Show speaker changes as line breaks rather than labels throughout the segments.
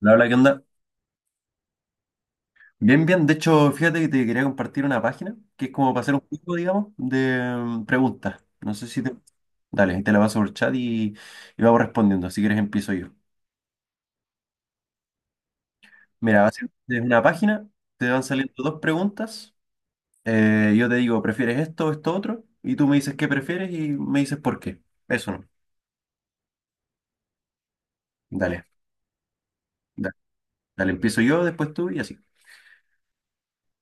La verdad, ¿qué onda? Bien, bien. De hecho, fíjate que te quería compartir una página que es como para hacer un juego, digamos, de preguntas. No sé si te... Dale, ahí te la paso por chat y vamos respondiendo. Si quieres, empiezo yo. Mira, va a ser desde una página, te van saliendo dos preguntas. Yo te digo, ¿prefieres esto o esto otro? Y tú me dices qué prefieres y me dices por qué. Eso no. Dale, dale, dale, empiezo yo, después tú y así.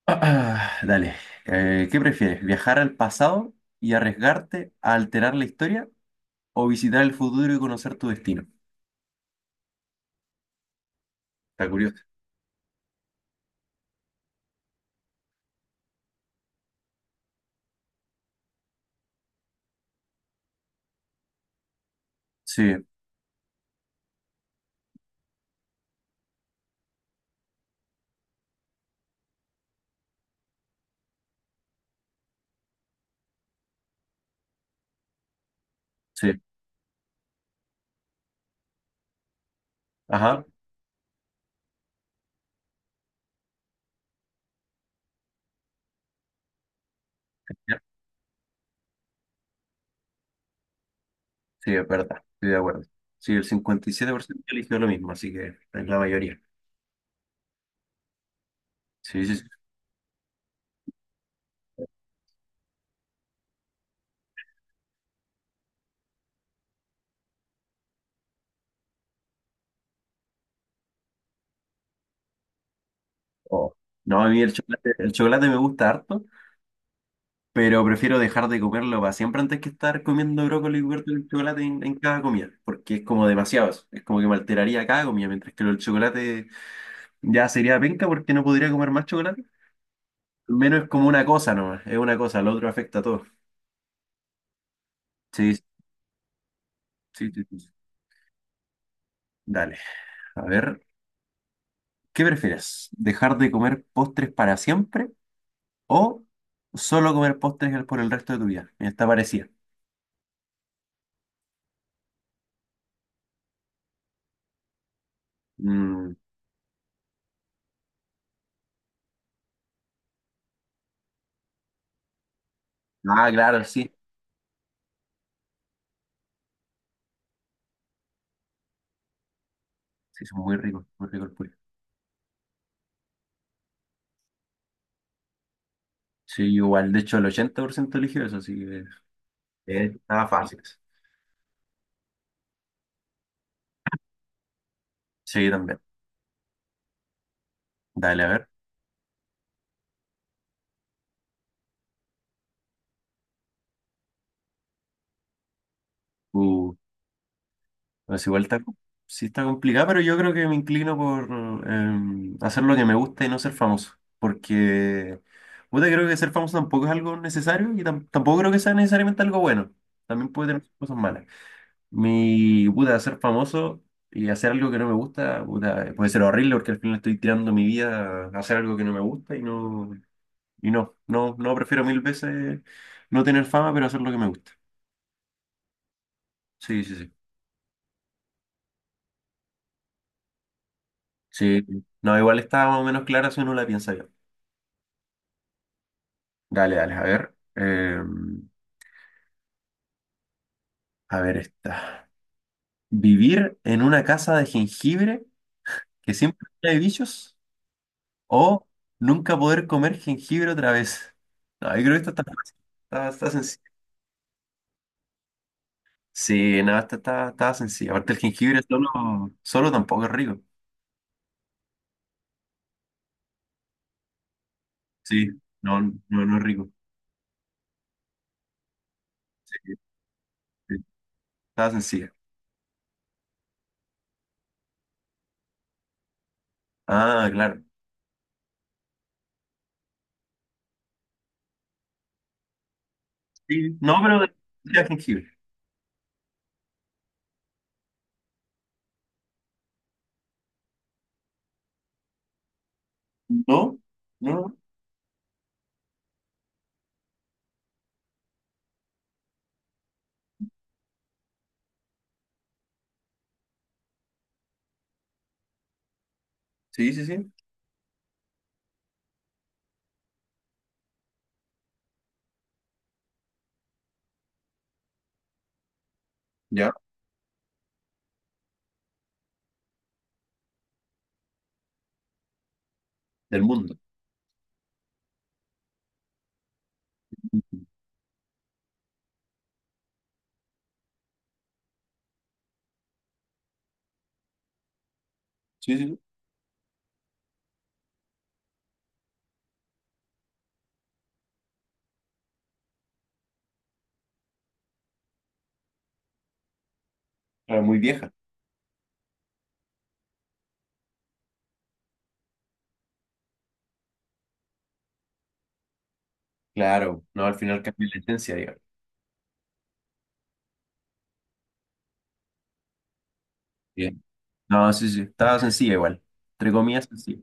Ah, dale. ¿Qué prefieres? ¿Viajar al pasado y arriesgarte a alterar la historia? ¿O visitar el futuro y conocer tu destino? Está curioso. Sí, sí. Ajá. Ya. Sí, es verdad. Estoy de acuerdo. Sí, el 57% eligió lo mismo, así que es la mayoría. Sí, sí, sí. Oh. No, a mí el chocolate me gusta harto, pero prefiero dejar de comerlo para siempre antes que estar comiendo brócoli cubierto de chocolate en cada comida, porque es como demasiado eso. Es como que me alteraría cada comida, mientras que el chocolate ya sería penca porque no podría comer más chocolate. Al menos es como una cosa nomás, es una cosa, lo otro afecta a todo. Sí, sí, sí. Sí. Sí. Dale, a ver, ¿qué prefieres? ¿Dejar de comer postres para siempre o solo comer postres por el resto de tu vida? Mira, está parecida. Mm, ah, claro, sí. Sí, son muy ricos el puré. Sí, igual, de hecho, el 80% eligió eso, así que estaba fácil. Sí, también. Dale, a ver. Uh, Pues igual está, sí está complicado, pero yo creo que me inclino por hacer lo que me gusta y no ser famoso. Porque, puta, creo que ser famoso tampoco es algo necesario y tampoco creo que sea necesariamente algo bueno. También puede tener sus cosas malas. Mi, puta, ser famoso y hacer algo que no me gusta, puta, puede ser horrible porque al final estoy tirando mi vida a hacer algo que no me gusta y no prefiero mil veces no tener fama, pero hacer lo que me gusta. Sí, sí, sí. Sí, no, igual está más o menos clara si uno la piensa bien. Dale, dale, a ver. A ver esta. ¿Vivir en una casa de jengibre que siempre trae bichos? ¿O nunca poder comer jengibre otra vez? No, yo creo que esta está fácil. Está sencilla. Sí, nada, esta está sencilla. Aparte, el jengibre solo, solo tampoco es rico. Sí, no, no, no es rico. Sí, sí. Está sencilla. Ah, claro. Sí, no, pero de jengibre. No, no, no. Sí, sí, sí. Ya, del mundo. Sí, sí, sí. Ah, muy vieja. Claro, no, al final cambia la esencia, digamos. Bien. No, sí, sí, estaba sencilla igual. Entre comillas, sencilla.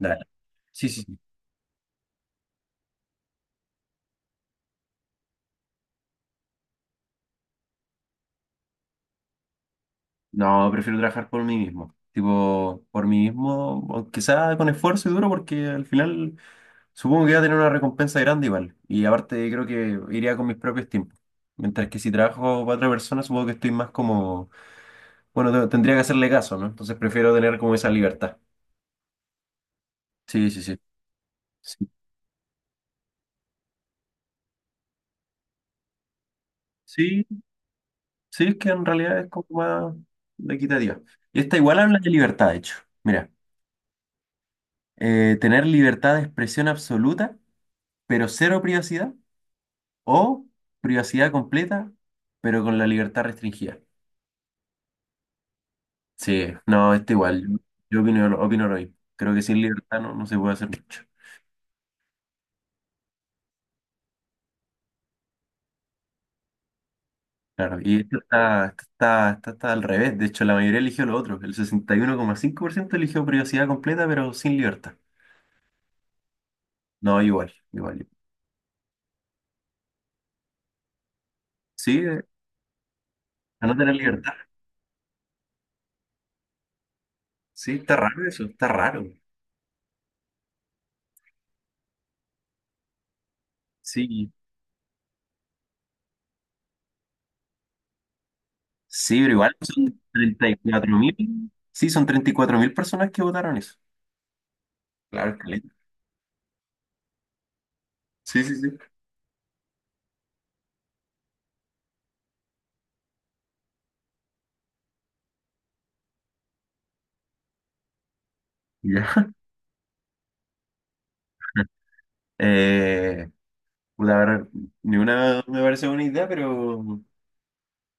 Dale. Sí, sí, sí. No, prefiero trabajar por mí mismo. Tipo, por mí mismo, aunque sea con esfuerzo y duro, porque al final supongo que va a tener una recompensa grande igual. Y aparte, creo que iría con mis propios tiempos. Mientras que si trabajo para otra persona, supongo que estoy más como, bueno, tendría que hacerle caso, ¿no? Entonces prefiero tener como esa libertad. Sí, sí, sí. Sí. Sí. Sí, es que en realidad es como más equitativa. Y esta igual habla de libertad, de hecho. Mira, tener libertad de expresión absoluta, pero cero privacidad, o privacidad completa, pero con la libertad restringida. Sí, no, este igual. Yo opino lo mismo. Creo que sin libertad no se puede hacer mucho. Claro, y esto está al revés. De hecho, la mayoría eligió lo otro. El 61,5% eligió privacidad completa, pero sin libertad. No, igual, igual. Sí, a no tener libertad. Sí, está raro eso, está raro. Sí, sí, pero igual son 34.000. Sí, son 34.000 personas que votaron eso. Claro, es caleta. Sí, sí, sí. Ya. Eh, Puta, a ver, ni una me parece buena idea, pero,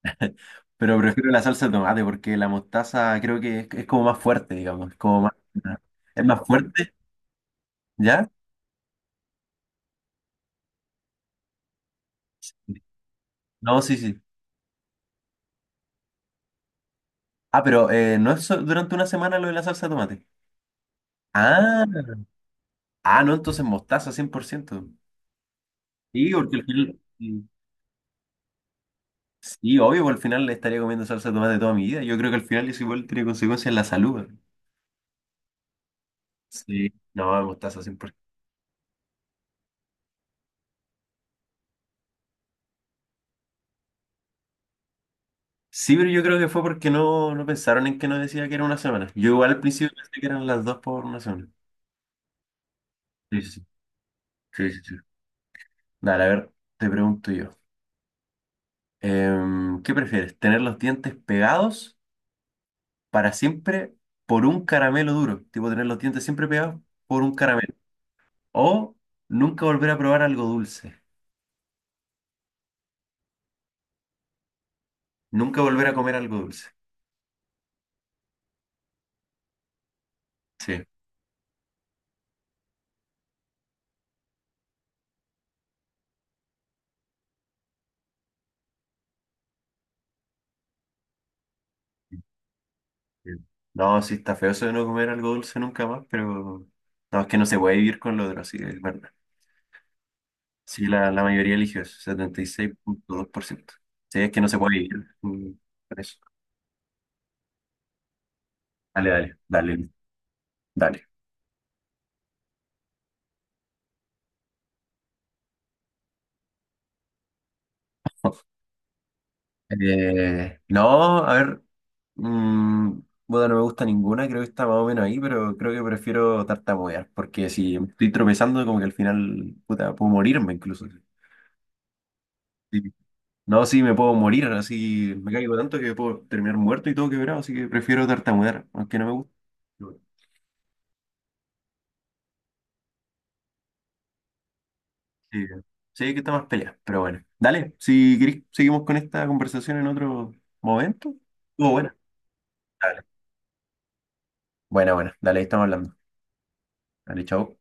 pero prefiero la salsa de tomate porque la mostaza creo que es como más fuerte, digamos. Es como más, es más fuerte, ¿ya? No, sí, sí. Ah, pero no es durante una semana lo de la salsa de tomate. Ah, ah, no, entonces mostaza 100%. Sí, porque al final, sí, obvio, porque al final le estaría comiendo salsa de tomate toda mi vida. Yo creo que al final eso igual tiene consecuencias en la salud. Güey. Sí, no, mostaza 100%. Sí, pero yo creo que fue porque no pensaron en que no decía que era una semana. Yo igual al principio pensé que eran las dos por una semana. Sí, sí, sí. Sí, sí, sí. Dale, a ver, te pregunto yo. ¿Qué prefieres? ¿Tener los dientes pegados para siempre por un caramelo duro? Tipo, tener los dientes siempre pegados por un caramelo. O nunca volver a probar algo dulce. Nunca volver a comer algo dulce. Sí. Sí. No, sí está feo eso de no comer algo dulce nunca más, pero no, es que no se puede vivir con lo otro, sí, es verdad. Sí, la mayoría eligió eso, 76,2%. Sí, es que no se puede vivir, con eso. Dale, dale, dale, dale. No, a ver, mm, bueno, no me gusta ninguna, creo que está más o menos ahí, pero creo que prefiero tartamudear, porque si estoy tropezando, como que al final, puta, puedo morirme incluso. Sí. No, sí, me puedo morir, así me caigo tanto que puedo terminar muerto y todo quebrado, así que prefiero tartamudear, aunque no me gusta. Pero bueno. Sí, sí que está más pelea, pero bueno. Dale, si querés, seguimos con esta conversación en otro momento. Oh, bueno, dale. Buena, buena, dale, ahí estamos hablando. Dale, chao.